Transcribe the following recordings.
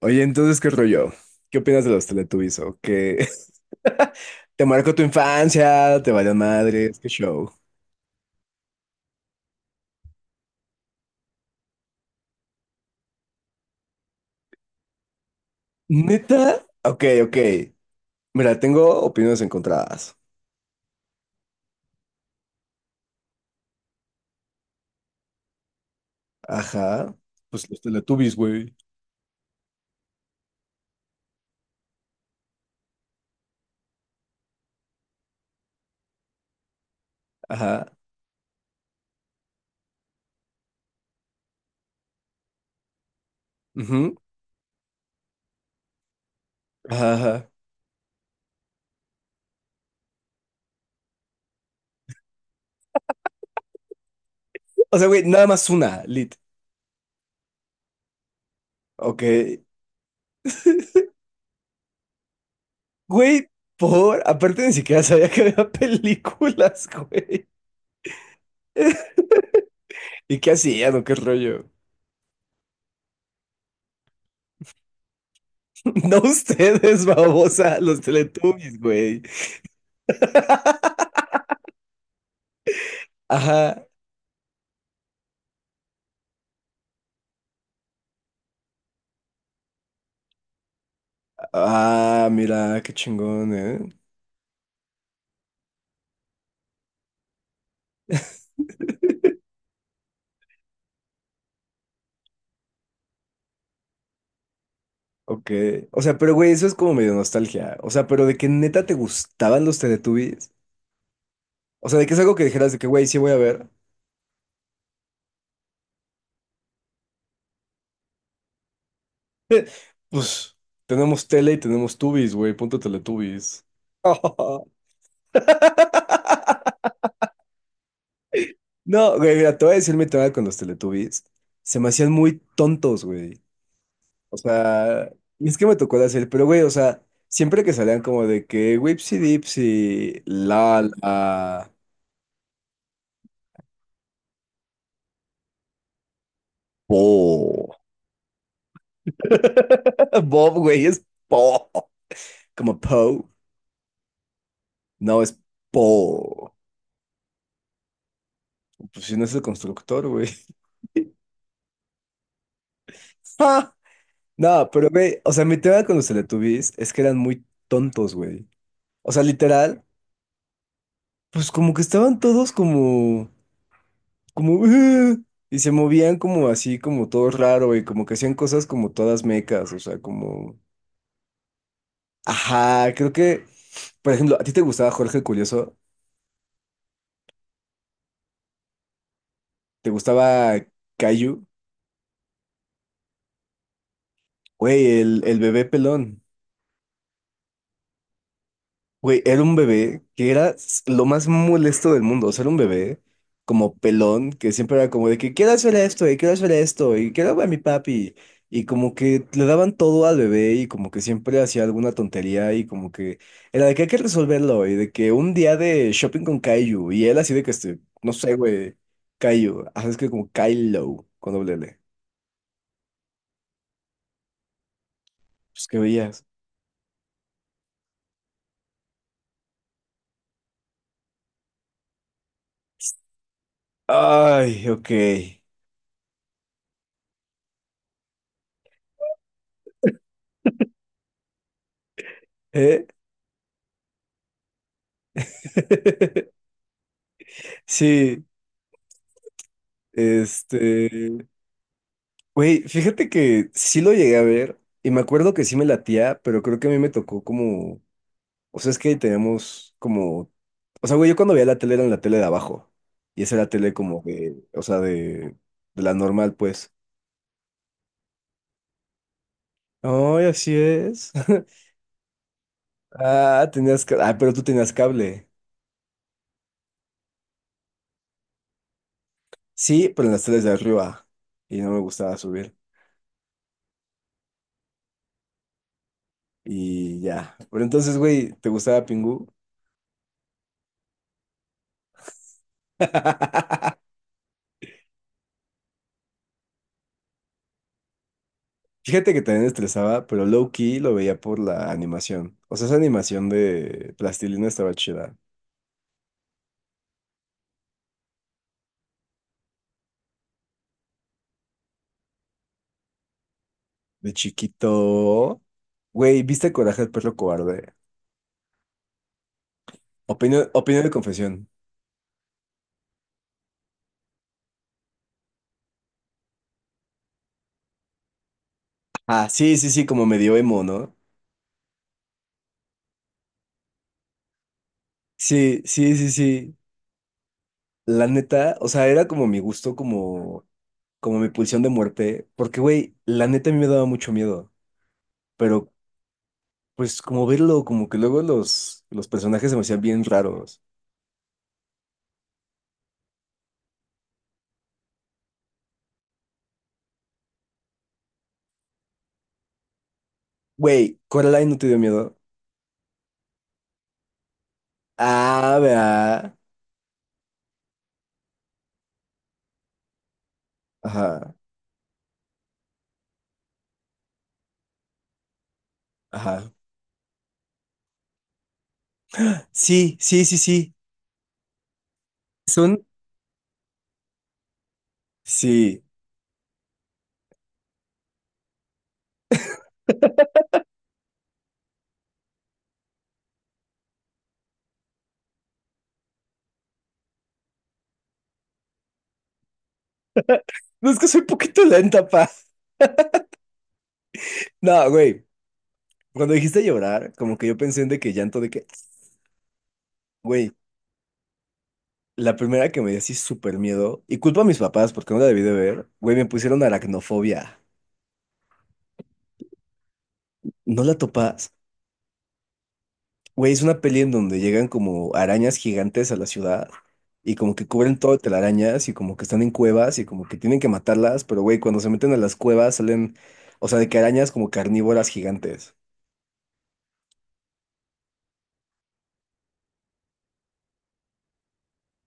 Oye, entonces, ¿qué rollo? ¿Qué opinas de los Teletubbies? ¿O qué? ¿Te marcó tu infancia? ¿Te valió madres? ¿Qué show? ¿Neta? Ok, ok. Mira, tengo opiniones encontradas. Ajá. Pues los Teletubbies, güey. Ajá. Ujú. Ajá, ajá. O sea, güey, nada más una, lit. Ok. Güey, por... Aparte ni siquiera sabía que había películas, güey. ¿Y qué hacían o qué rollo? No ustedes, babosa, los Teletubbies, güey. Ajá. Ah, mira, qué chingón, ¿eh? Ok. O sea, pero güey, eso es como medio nostalgia. O sea, pero de que neta te gustaban los Teletubbies. O sea, de que es algo que dijeras de que, güey, sí voy a ver. Pues tenemos tele y tenemos Tubbies, güey, punto Teletubbies. No, güey, mira, te voy a decir mi tema con los Teletubbies. Se me hacían muy tontos, güey. O sea, y es que me tocó de hacer, pero güey, o sea, siempre que salían como de que Wipsy Dipsy, la la, po. Bob, güey, es Po. Como Poe. No, es Po. Pues si no es el constructor, güey. Ah, no, pero güey, o sea, mi tema con los Teletubbies es que eran muy tontos, güey. O sea, literal, pues como que estaban todos como, como, y se movían como así, como todo raro, y como que hacían cosas como todas mecas, o sea, como, ajá, creo que, por ejemplo, ¿a ti te gustaba Jorge el Curioso? ¿Te gustaba Caillou? Güey, el bebé pelón. Güey, era un bebé que era s- lo más molesto del mundo. O sea, era un bebé como pelón que siempre era como de que quiero hacer esto y quiero hacer esto y quiero ver a mi papi. Y como que le daban todo al bebé y como que siempre hacía alguna tontería y como que era de que hay que resolverlo y de que un día de shopping con Kaiju y él así de que este, no sé, güey, Kaiju. Ah, es que como Kylo con doble L. Pues que veías. Ay, ok. ¿Eh? Sí, este. Güey, fíjate que sí lo llegué a ver y me acuerdo que sí me latía, pero creo que a mí me tocó como, o sea, es que teníamos como, o sea, güey, yo cuando veía la tele era en la tele de abajo y esa era la tele como de, o sea, de la normal, pues. Ay, así es. Ah, tenías, ca- ah, pero tú tenías cable. Sí, pero en las teles de arriba y no me gustaba subir y ya. Pero entonces, güey, ¿te gustaba Pingu? Fíjate que también estresaba, pero low key lo veía por la animación. O sea, esa animación de plastilina estaba chida. De chiquito. Güey, ¿viste Coraje el perro cobarde? Opinión, opinión de confesión. Ah, sí, sí, sí, como medio emo, ¿no? Sí, sí, sí, sí. La neta, o sea, era como mi gusto, como, como mi pulsión de muerte. Porque, güey, la neta a mí me daba mucho miedo. Pero, pues, como verlo, como que luego los personajes se me hacían bien raros. Güey, Coraline no te dio miedo. Ah, vea. Ajá, ajá. Sí, sí, sí, sí. Son. Sí. No es que soy poquito lenta, pa. No, güey. Cuando dijiste llorar, como que yo pensé en de que llanto de que, güey, la primera que me dio así súper miedo, y culpa a mis papás porque no la debí de ver, güey, me pusieron aracnofobia. ¿No la topas? Güey, es una peli en donde llegan como arañas gigantes a la ciudad y como que cubren todo de telarañas y como que están en cuevas y como que tienen que matarlas, pero güey, cuando se meten a las cuevas salen, o sea, de que arañas como carnívoras gigantes.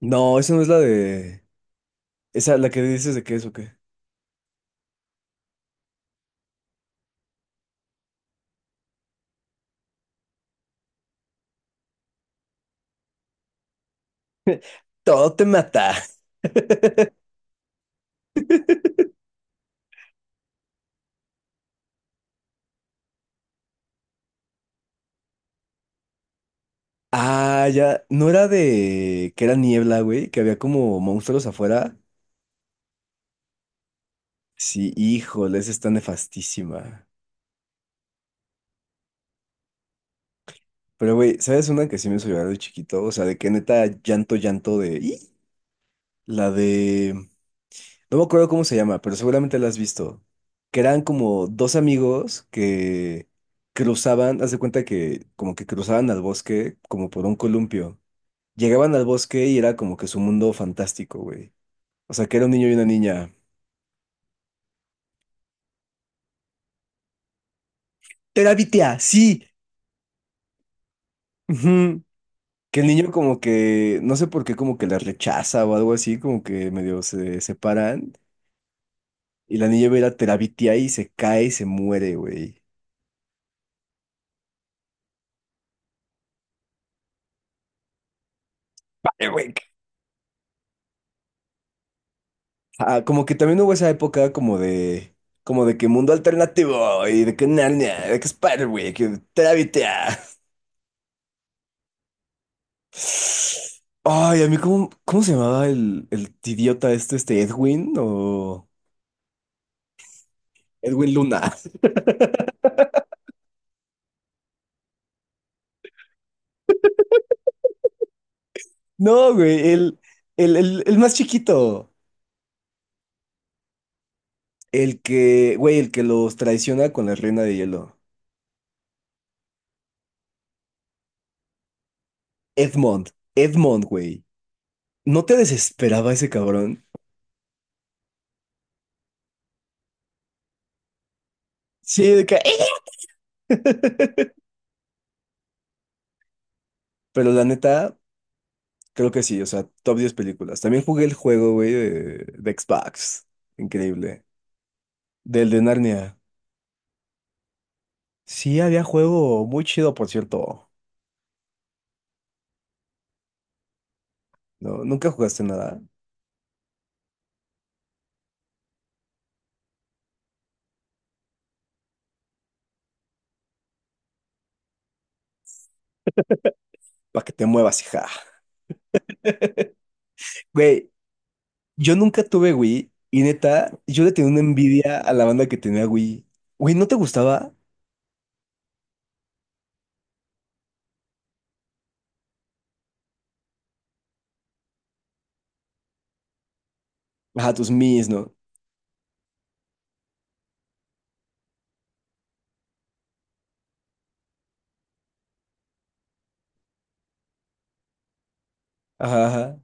No, esa no es la de... Esa, la que dices de qué es o qué. Todo te mata. Ah, ya, no era de que era niebla, güey, que había como monstruos afuera. Sí, híjole, esa está nefastísima. Pero, güey, ¿sabes una que sí me hizo llorar de chiquito? O sea, de que neta llanto, llanto de... "Ih". La de... No me acuerdo cómo se llama, pero seguramente la has visto. Que eran como dos amigos que cruzaban, haz de cuenta que como que cruzaban al bosque como por un columpio. Llegaban al bosque y era como que su mundo fantástico, güey. O sea, que era un niño y una niña. ¡Terapia! ¡Sí! Ujú. Que el niño como que, no sé por qué, como que la rechaza o algo así, como que medio se separan. Y la niña ve a la Terabitia y se cae y se muere, güey. Ah, como que también hubo esa época como de que mundo alternativo y de que Narnia, de que Spiderwick, y de Trábita. Ay, a mí, ¿cómo, cómo se llamaba el idiota este, este Edwin o Edwin Luna? No, güey, el más chiquito, el que, güey, el que los traiciona con la reina de hielo. Edmond, Edmond, güey. ¿No te desesperaba ese cabrón? Sí, de que... Pero la neta. Creo que sí, o sea, top 10 películas. También jugué el juego, güey, de Xbox. Increíble. Del de Narnia. Sí, había juego muy chido, por cierto. No, nunca jugaste nada. Para que te muevas, hija. Güey, yo nunca tuve Wii y neta, yo le tenía una envidia a la banda que tenía Wii. Güey, ¿no te gustaba? Ajá, tus Mis, ¿no? Ajá, ajá.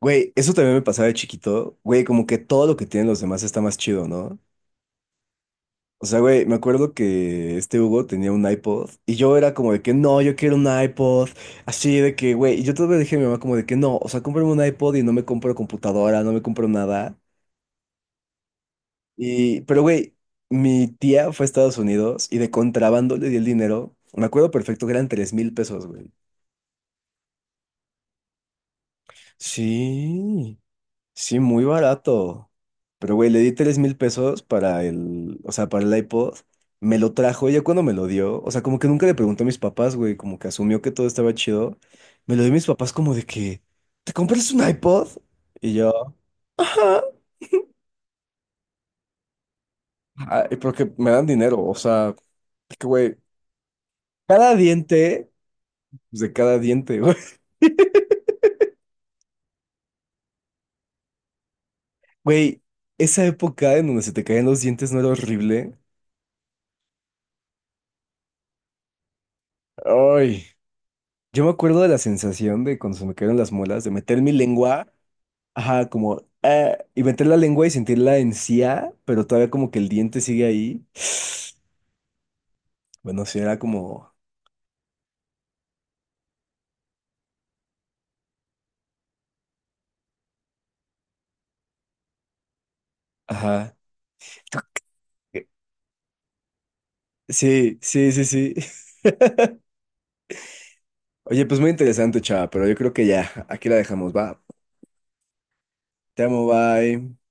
Güey, eso también me pasaba de chiquito. Güey, como que todo lo que tienen los demás está más chido, ¿no? O sea, güey, me acuerdo que este Hugo tenía un iPod y yo era como de que no, yo quiero un iPod. Así de que, güey, y yo todavía le dije a mi mamá como de que no, o sea, cómprame un iPod y no me compro computadora, no me compro nada. Y, pero güey, mi tía fue a Estados Unidos y de contrabando le di el dinero. Me acuerdo perfecto que eran 3,000 pesos, güey. Sí. Sí, muy barato. Pero, güey, le di 3,000 pesos para el, o sea, para el iPod. Me lo trajo ya cuando me lo dio. O sea, como que nunca le preguntó a mis papás, güey, como que asumió que todo estaba chido. Me lo dio mis papás como de que, ¿te compras un iPod? Y yo, ajá. Ay, porque me dan dinero, o sea, es que, güey, cada diente, pues de cada diente, güey. Güey, esa época en donde se te caían los dientes no era horrible. Ay, yo me acuerdo de la sensación de cuando se me cayeron las muelas, de meter mi lengua. Ajá, como y meter la lengua y sentir la encía, pero todavía como que el diente sigue ahí. Bueno, sí, era como, ajá. Sí, sí, sí, sí. Oye, pues muy interesante, chava, pero yo creo que ya, aquí la dejamos, va. Te amo, bye.